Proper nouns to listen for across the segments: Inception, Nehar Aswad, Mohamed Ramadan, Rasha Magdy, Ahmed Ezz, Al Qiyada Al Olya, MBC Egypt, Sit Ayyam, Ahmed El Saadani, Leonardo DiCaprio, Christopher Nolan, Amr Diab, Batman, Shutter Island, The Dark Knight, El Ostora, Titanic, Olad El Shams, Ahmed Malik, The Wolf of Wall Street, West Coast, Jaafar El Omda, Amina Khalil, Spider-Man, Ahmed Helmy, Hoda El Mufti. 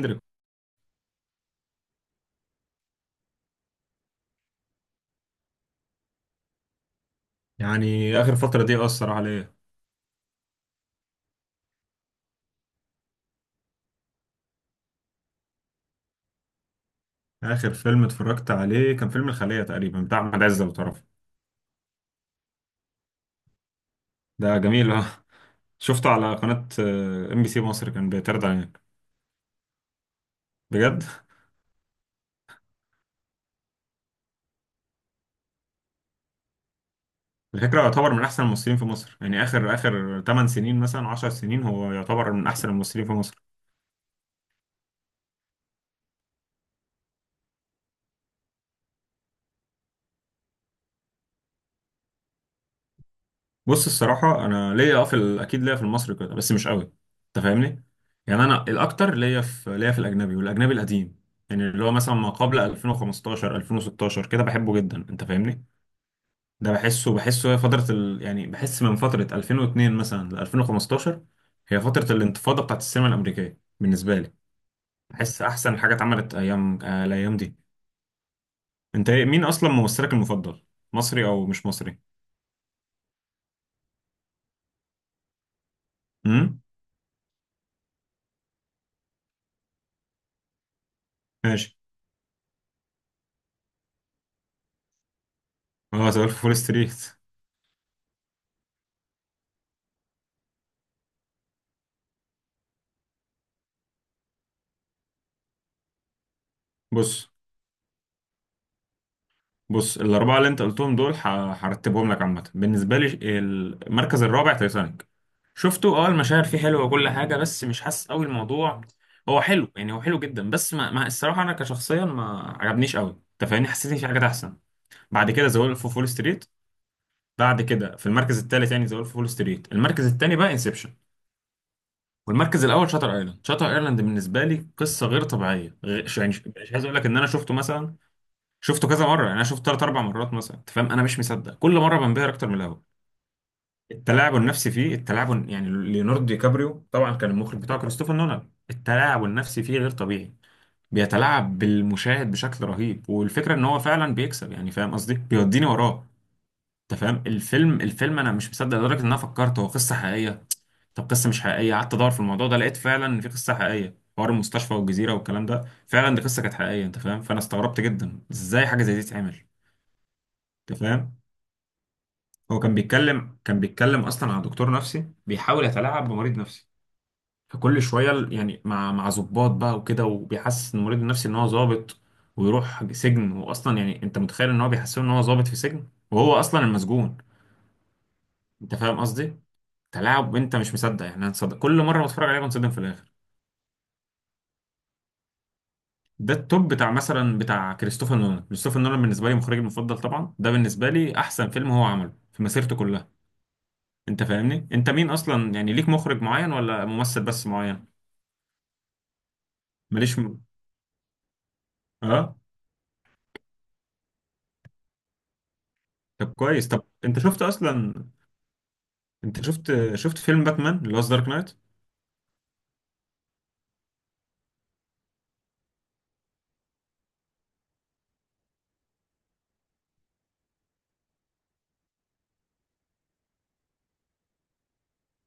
كندريك. يعني آخر فترة دي أثر عليا. آخر فيلم اتفرجت عليه كان فيلم الخلية تقريبا بتاع أحمد عز لو تعرفه. ده جميل، أه. شفته على قناة ام بي سي مصر، كان بيتعرض علينا. بجد. الفكرة يعتبر من أحسن الممثلين في مصر، يعني آخر 8 سنين مثلا، 10 سنين، هو يعتبر من أحسن الممثلين في مصر. بص، الصراحة أنا ليا في أكيد ليا في المصري كده بس مش قوي. أنت فاهمني؟ يعني أنا الأكتر ليا في الأجنبي، والأجنبي القديم. يعني اللي هو مثلا ما قبل 2015 2016 كده بحبه جدا. أنت فاهمني؟ ده بحسه هي فترة يعني بحس من فترة 2002 مثلا ل 2015، هي فترة الانتفاضة بتاعت السينما الأمريكية بالنسبة لي. بحس أحسن حاجة اتعملت أيام الأيام دي. أنت مين أصلا ممثلك المفضل؟ مصري أو مش مصري؟ امم. ماشي. اه، سؤال في فول ستريت. بص، بص الأربعة اللي أنت قلتهم دول هرتبهم لك عامة بالنسبة لي. المركز الرابع تايتانيك. شفته، اه، المشاهد فيه حلوة وكل حاجة بس مش حاسس قوي الموضوع. هو حلو يعني، هو حلو جدا، بس ما الصراحة أنا كشخصيا ما عجبنيش قوي. أنت فاهمني؟ حسيت إن في حاجات أحسن. بعد كده ذا وولف أوف وول ستريت، بعد كده في المركز الثالث يعني ذا وولف أوف وول ستريت. المركز الثاني بقى انسبشن، والمركز الأول شاتر أيلاند. شاتر أيلاند بالنسبة لي قصة غير طبيعية، يعني مش عايز أقول لك إن أنا شفته مثلا، شفته كذا مره، يعني انا شفته ثلاث اربع مرات مثلا. انت فاهم؟ انا مش مصدق، كل مره بنبهر اكتر من الاول. التلاعب النفسي فيه، يعني ليوناردو دي كابريو طبعا كان المخرج بتاعه كريستوفر نولان. التلاعب النفسي فيه غير طبيعي، بيتلاعب بالمشاهد بشكل رهيب، والفكره ان هو فعلا بيكسب، يعني فاهم قصدي، بيوديني وراه. انت فاهم؟ الفيلم انا مش مصدق لدرجه ان انا فكرت هو قصه حقيقيه. طب قصه مش حقيقيه، قعدت ادور في الموضوع ده، لقيت فعلا ان في قصه حقيقيه، حوار المستشفى والجزيره والكلام ده فعلا دي قصه كانت حقيقيه. انت فاهم؟ فانا استغربت جدا ازاي حاجه زي دي تتعمل. انت فاهم؟ هو كان بيتكلم اصلا عن دكتور نفسي بيحاول يتلاعب بمريض نفسي. فكل شويه يعني مع ضباط بقى وكده، وبيحسس المريض النفسي ان هو ضابط ويروح سجن. واصلا يعني، انت متخيل ان هو بيحسسه ان هو ضابط في سجن وهو اصلا المسجون؟ انت فاهم قصدي؟ تلاعب، انت مش مصدق. يعني انا مصدق، كل مره بتفرج عليه بنصدم في الاخر. ده التوب بتاع مثلا بتاع كريستوفر نولان. كريستوفر نولان بالنسبه لي مخرجي المفضل طبعا، ده بالنسبه لي احسن فيلم هو عمله في مسيرته كلها. انت فاهمني؟ انت مين اصلا؟ يعني ليك مخرج معين ولا ممثل بس معين؟ ماليش اه. طب كويس، طب انت شفت اصلا، انت شفت فيلم باتمان اللي هو دارك نايت؟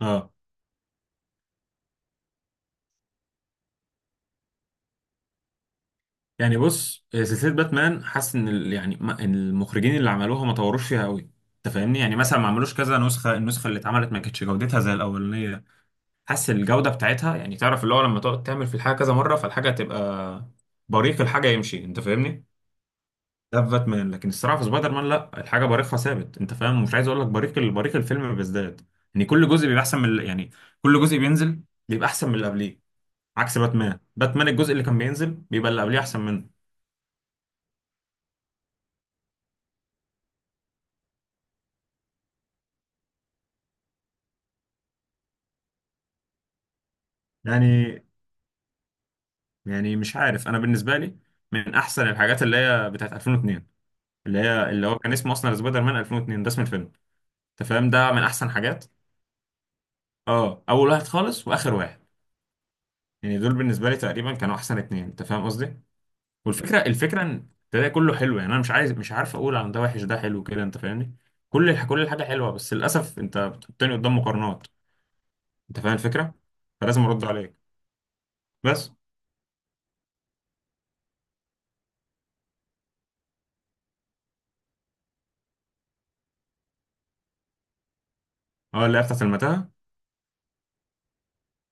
اه. يعني بص، سلسله باتمان، حاسس ان يعني ما... إن المخرجين اللي عملوها ما طوروش فيها قوي. انت فاهمني؟ يعني مثلا ما عملوش كذا نسخه، النسخه اللي اتعملت ما كانتش جودتها زي الاولانيه. حاسس الجوده بتاعتها، يعني تعرف اللي هو لما تقعد تعمل في الحاجه كذا مره فالحاجه تبقى بريق الحاجه يمشي. انت فاهمني؟ ده في باتمان، لكن الصراحه في سبايدر مان لا، الحاجه بريقها ثابت. انت فاهم؟ مش عايز اقول لك بريق الفيلم بيزداد، يعني كل جزء بيبقى احسن من يعني كل جزء بينزل بيبقى احسن من اللي قبليه. عكس باتمان، باتمان الجزء اللي كان بينزل بيبقى اللي قبليه احسن منه. يعني يعني مش عارف، انا بالنسبه لي من احسن الحاجات اللي هي بتاعت 2002، اللي هو كان اسمه اصلا سبايدر مان 2002، ده اسم الفيلم. انت فاهم؟ ده من احسن حاجات. اه، اول واحد خالص واخر واحد. يعني دول بالنسبه لي تقريبا كانوا احسن اتنين. انت فاهم قصدي؟ والفكره، ان تلاقي كله حلو. يعني انا مش عايز مش عارف اقول عن ده وحش ده حلو كده. انت فاهمني؟ كل الحاجه حلوه، بس للاسف انت بتحطني قدام مقارنات. انت فاهم الفكره؟ فلازم ارد عليك، بس. اه، اللي هي بتاعت المتاهه.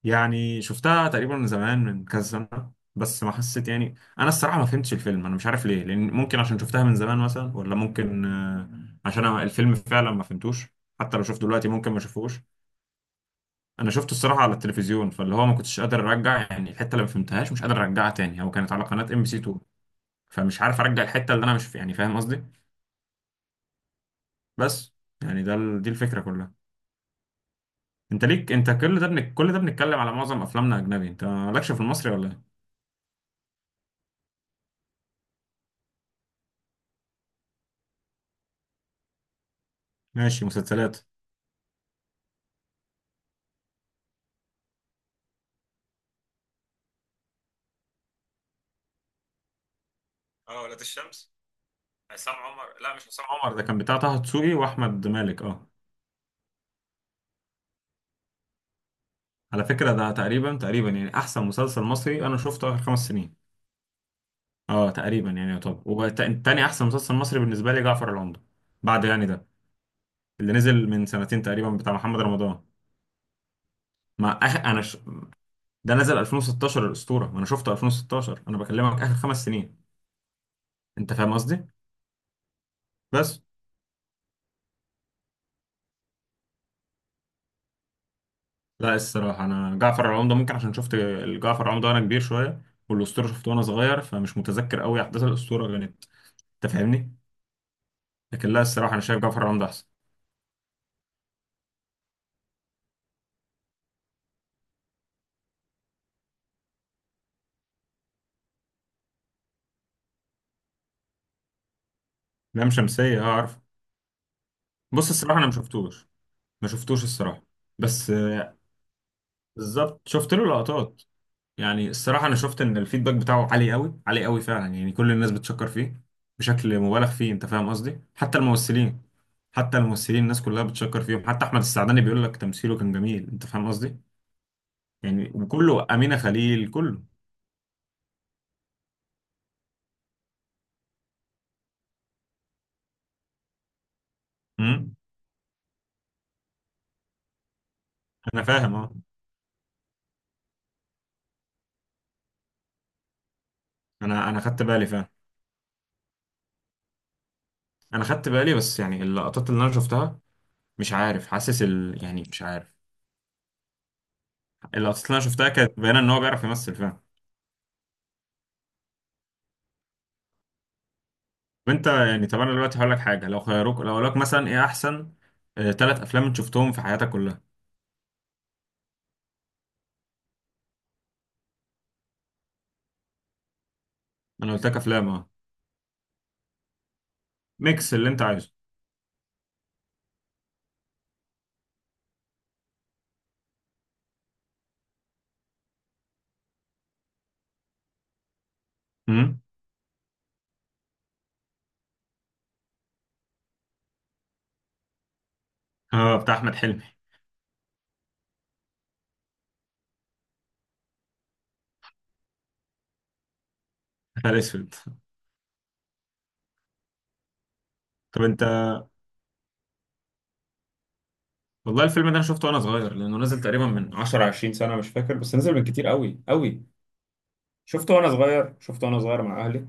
يعني شفتها تقريبا من زمان من كذا سنه، بس ما حسيت يعني. انا الصراحه ما فهمتش الفيلم، انا مش عارف ليه. لان ممكن عشان شفتها من زمان مثلا، ولا ممكن عشان أنا الفيلم فعلا ما فهمتوش. حتى لو شفته دلوقتي ممكن ما اشوفهوش. انا شفته الصراحه على التلفزيون، فاللي هو ما كنتش قادر ارجع، يعني الحته اللي ما فهمتهاش مش قادر ارجعها تاني. هو كانت على قناه ام بي سي 2، فمش عارف ارجع الحته اللي انا مش يعني فاهم قصدي؟ بس يعني ده دي الفكره كلها. انت ليك، انت كل ده كل ده بنتكلم على معظم افلامنا اجنبي، انت مالكش في المصري ولا ايه؟ ماشي، مسلسلات. اه، ولاد الشمس، عصام عمر. لا، مش عصام عمر، ده كان بتاع طه دسوقي واحمد مالك، اه. على فكره ده تقريبا تقريبا يعني احسن مسلسل مصري انا شفته اخر 5 سنين. اه تقريبا يعني يعتبر. وتاني احسن مسلسل مصري بالنسبه لي جعفر العمدة، بعد يعني ده اللي نزل من سنتين تقريبا بتاع محمد رمضان. ما أخ... ده نزل 2016 الاسطوره، وانا شفته 2016، انا بكلمك اخر 5 سنين. انت فاهم قصدي؟ بس لا، الصراحه انا جعفر العمدة ممكن عشان شفت جعفر العمدة وانا كبير شويه، والاسطوره شفته وانا صغير، فمش متذكر قوي احداث الاسطوره كانت. انت فاهمني؟ لكن لا الصراحه انا شايف جعفر العمدة احسن. لام شمسيه، اه عارف. بص الصراحه انا ما شفتوش، ما شفتوش الصراحه. بس بالظبط شفت له لقطات. يعني الصراحة أنا شفت إن الفيدباك بتاعه عالي قوي، عالي قوي فعلا. يعني كل الناس بتشكر فيه بشكل مبالغ فيه. أنت فاهم قصدي؟ حتى الممثلين، حتى الممثلين، الناس كلها بتشكر فيهم. حتى أحمد السعداني بيقول لك تمثيله كان جميل. أنت فاهم قصدي؟ يعني وكله، أمينة خليل، كله. امم. أنا فاهم، أه. أنا خدت بالي فعلا، أنا خدت بالي. بس يعني اللقطات اللي أنا شفتها مش عارف، حاسس يعني مش عارف، اللقطات اللي أنا شفتها كانت باينة إن هو بيعرف يمثل فعلا. وانت يعني، طب انا دلوقتي هقول لك حاجه. لو خيروك، لو قالوا لك مثلا ايه احسن 3 افلام انت شفتهم في حياتك كلها؟ انا قلت لك افلام، اه. ميكس اللي انت عايزه. امم. اه، بتاع احمد حلمي. نهار اسود. طب انت. والله الفيلم ده انا شفته وانا صغير، لانه نزل تقريبا من 10 20 سنه، مش فاكر، بس نزل من كتير قوي قوي. شفته وانا صغير مع اهلي.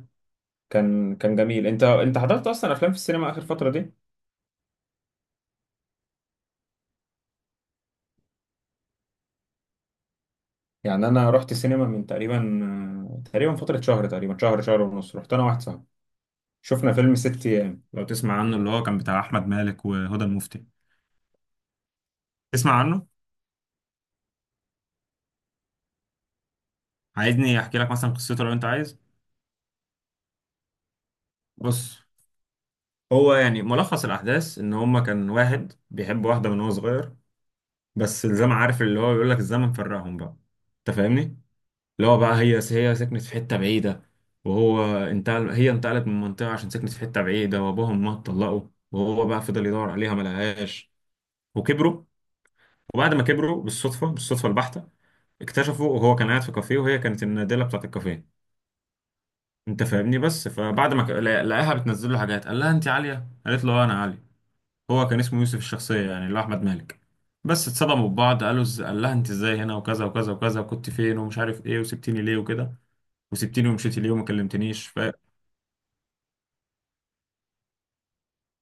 كان جميل. انت حضرت اصلا افلام في السينما اخر فتره دي؟ يعني انا رحت سينما من تقريبا، تقريبا فتره شهر، تقريبا شهر، شهر ونص. رحت انا واحد صاحبي، شفنا فيلم ست ايام، لو تسمع عنه، اللي هو كان بتاع احمد مالك وهدى المفتي. تسمع عنه؟ عايزني احكي لك مثلا قصته لو انت عايز؟ بص. هو يعني ملخص الاحداث ان هما كان واحد بيحب واحده من هو صغير، بس الزمن عارف اللي هو بيقول لك الزمن فرقهم بقى. انت فاهمني؟ اللي هو بقى هي سكنت في حته بعيده، وهو انتقل، هي انتقلت من منطقه عشان سكنت في حته بعيده، وابوهم ما اتطلقوا. وهو بقى فضل يدور عليها ما لقاهاش، وكبروا. وبعد ما كبروا بالصدفة، بالصدفة البحتة اكتشفوا، وهو كان قاعد في كافيه وهي كانت النادلة بتاعت الكافيه. انت فاهمني؟ بس فبعد ما لقاها بتنزل له حاجات، قال لها انت عالية، قالت له اه انا عالي. هو كان اسمه يوسف الشخصية، يعني اللي هو احمد مالك. بس اتصدموا ببعض، قالوا قال لها انت ازاي هنا وكذا وكذا وكذا، وكنت فين ومش عارف ايه وسبتيني ليه وكده، وسبتيني ومشيتي ليه وما كلمتنيش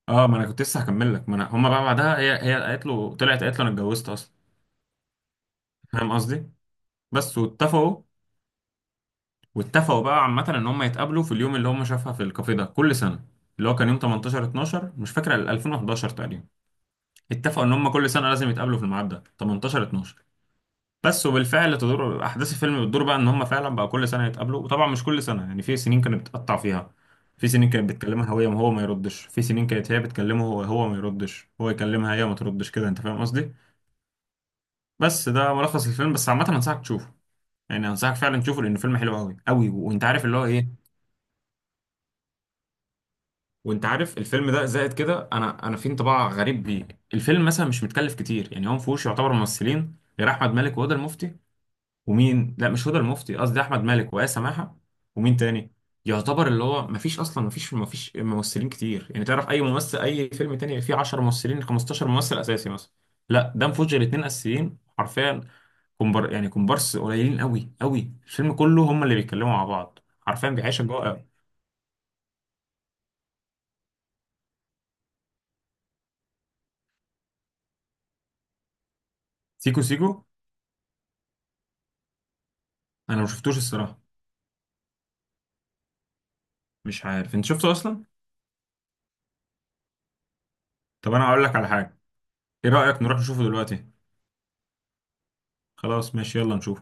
اه. ما انا كنت لسه هكمل لك، ما انا هما بقى بعدها هي قالت له طلعت، قالت له انا اتجوزت اصلا. فاهم قصدي؟ بس واتفقوا. واتفقوا بقى عامة ان هم يتقابلوا في اليوم اللي هم شافها في الكافيه ده كل سنة، اللي هو كان يوم 18 12 مش فاكر 2011 تقريبا. اتفقوا ان هم كل سنة لازم يتقابلوا في الميعاد ده 18 12، بس. وبالفعل تدور احداث الفيلم، بتدور بقى ان هم فعلا بقى كل سنة يتقابلوا، وطبعا مش كل سنة. يعني في سنين كانت بتقطع فيها، في سنين كانت بتكلمها هو وهو ما يردش، في سنين كانت هي بتكلمه هو هو ما يردش، هو يكلمها هي ما تردش كده. انت فاهم قصدي؟ بس ده ملخص الفيلم. بس عامة انصحك تشوفه، يعني انصحك فعلا تشوفه لان الفيلم حلو قوي قوي. وانت عارف اللي هو ايه، وانت عارف الفيلم ده زائد كده، انا في انطباع غريب بيه. الفيلم مثلا مش متكلف كتير، يعني هو ما فيهوش يعتبر ممثلين غير احمد مالك وهدى المفتي، ومين. لا مش هدى المفتي، قصدي احمد مالك وآية سماحة. ومين تاني؟ يعتبر اللي هو ما فيش اصلا، ما فيش ممثلين كتير. يعني تعرف اي ممثل، اي فيلم تاني فيه 10 ممثلين 15 ممثل اساسي مثلا. لا ده ما فيهوش غير اتنين اساسيين حرفيا. يعني كومبارس قليلين قوي قوي. الفيلم كله هم اللي بيتكلموا مع بعض حرفيا، بيعيشك جوه قوي. سيكو سيكو. انا ما شفتوش الصراحه، مش عارف انت شفته اصلا. طب انا هقول لك على حاجه. ايه رايك نروح نشوفه دلوقتي؟ خلاص ماشي، يلا نشوف.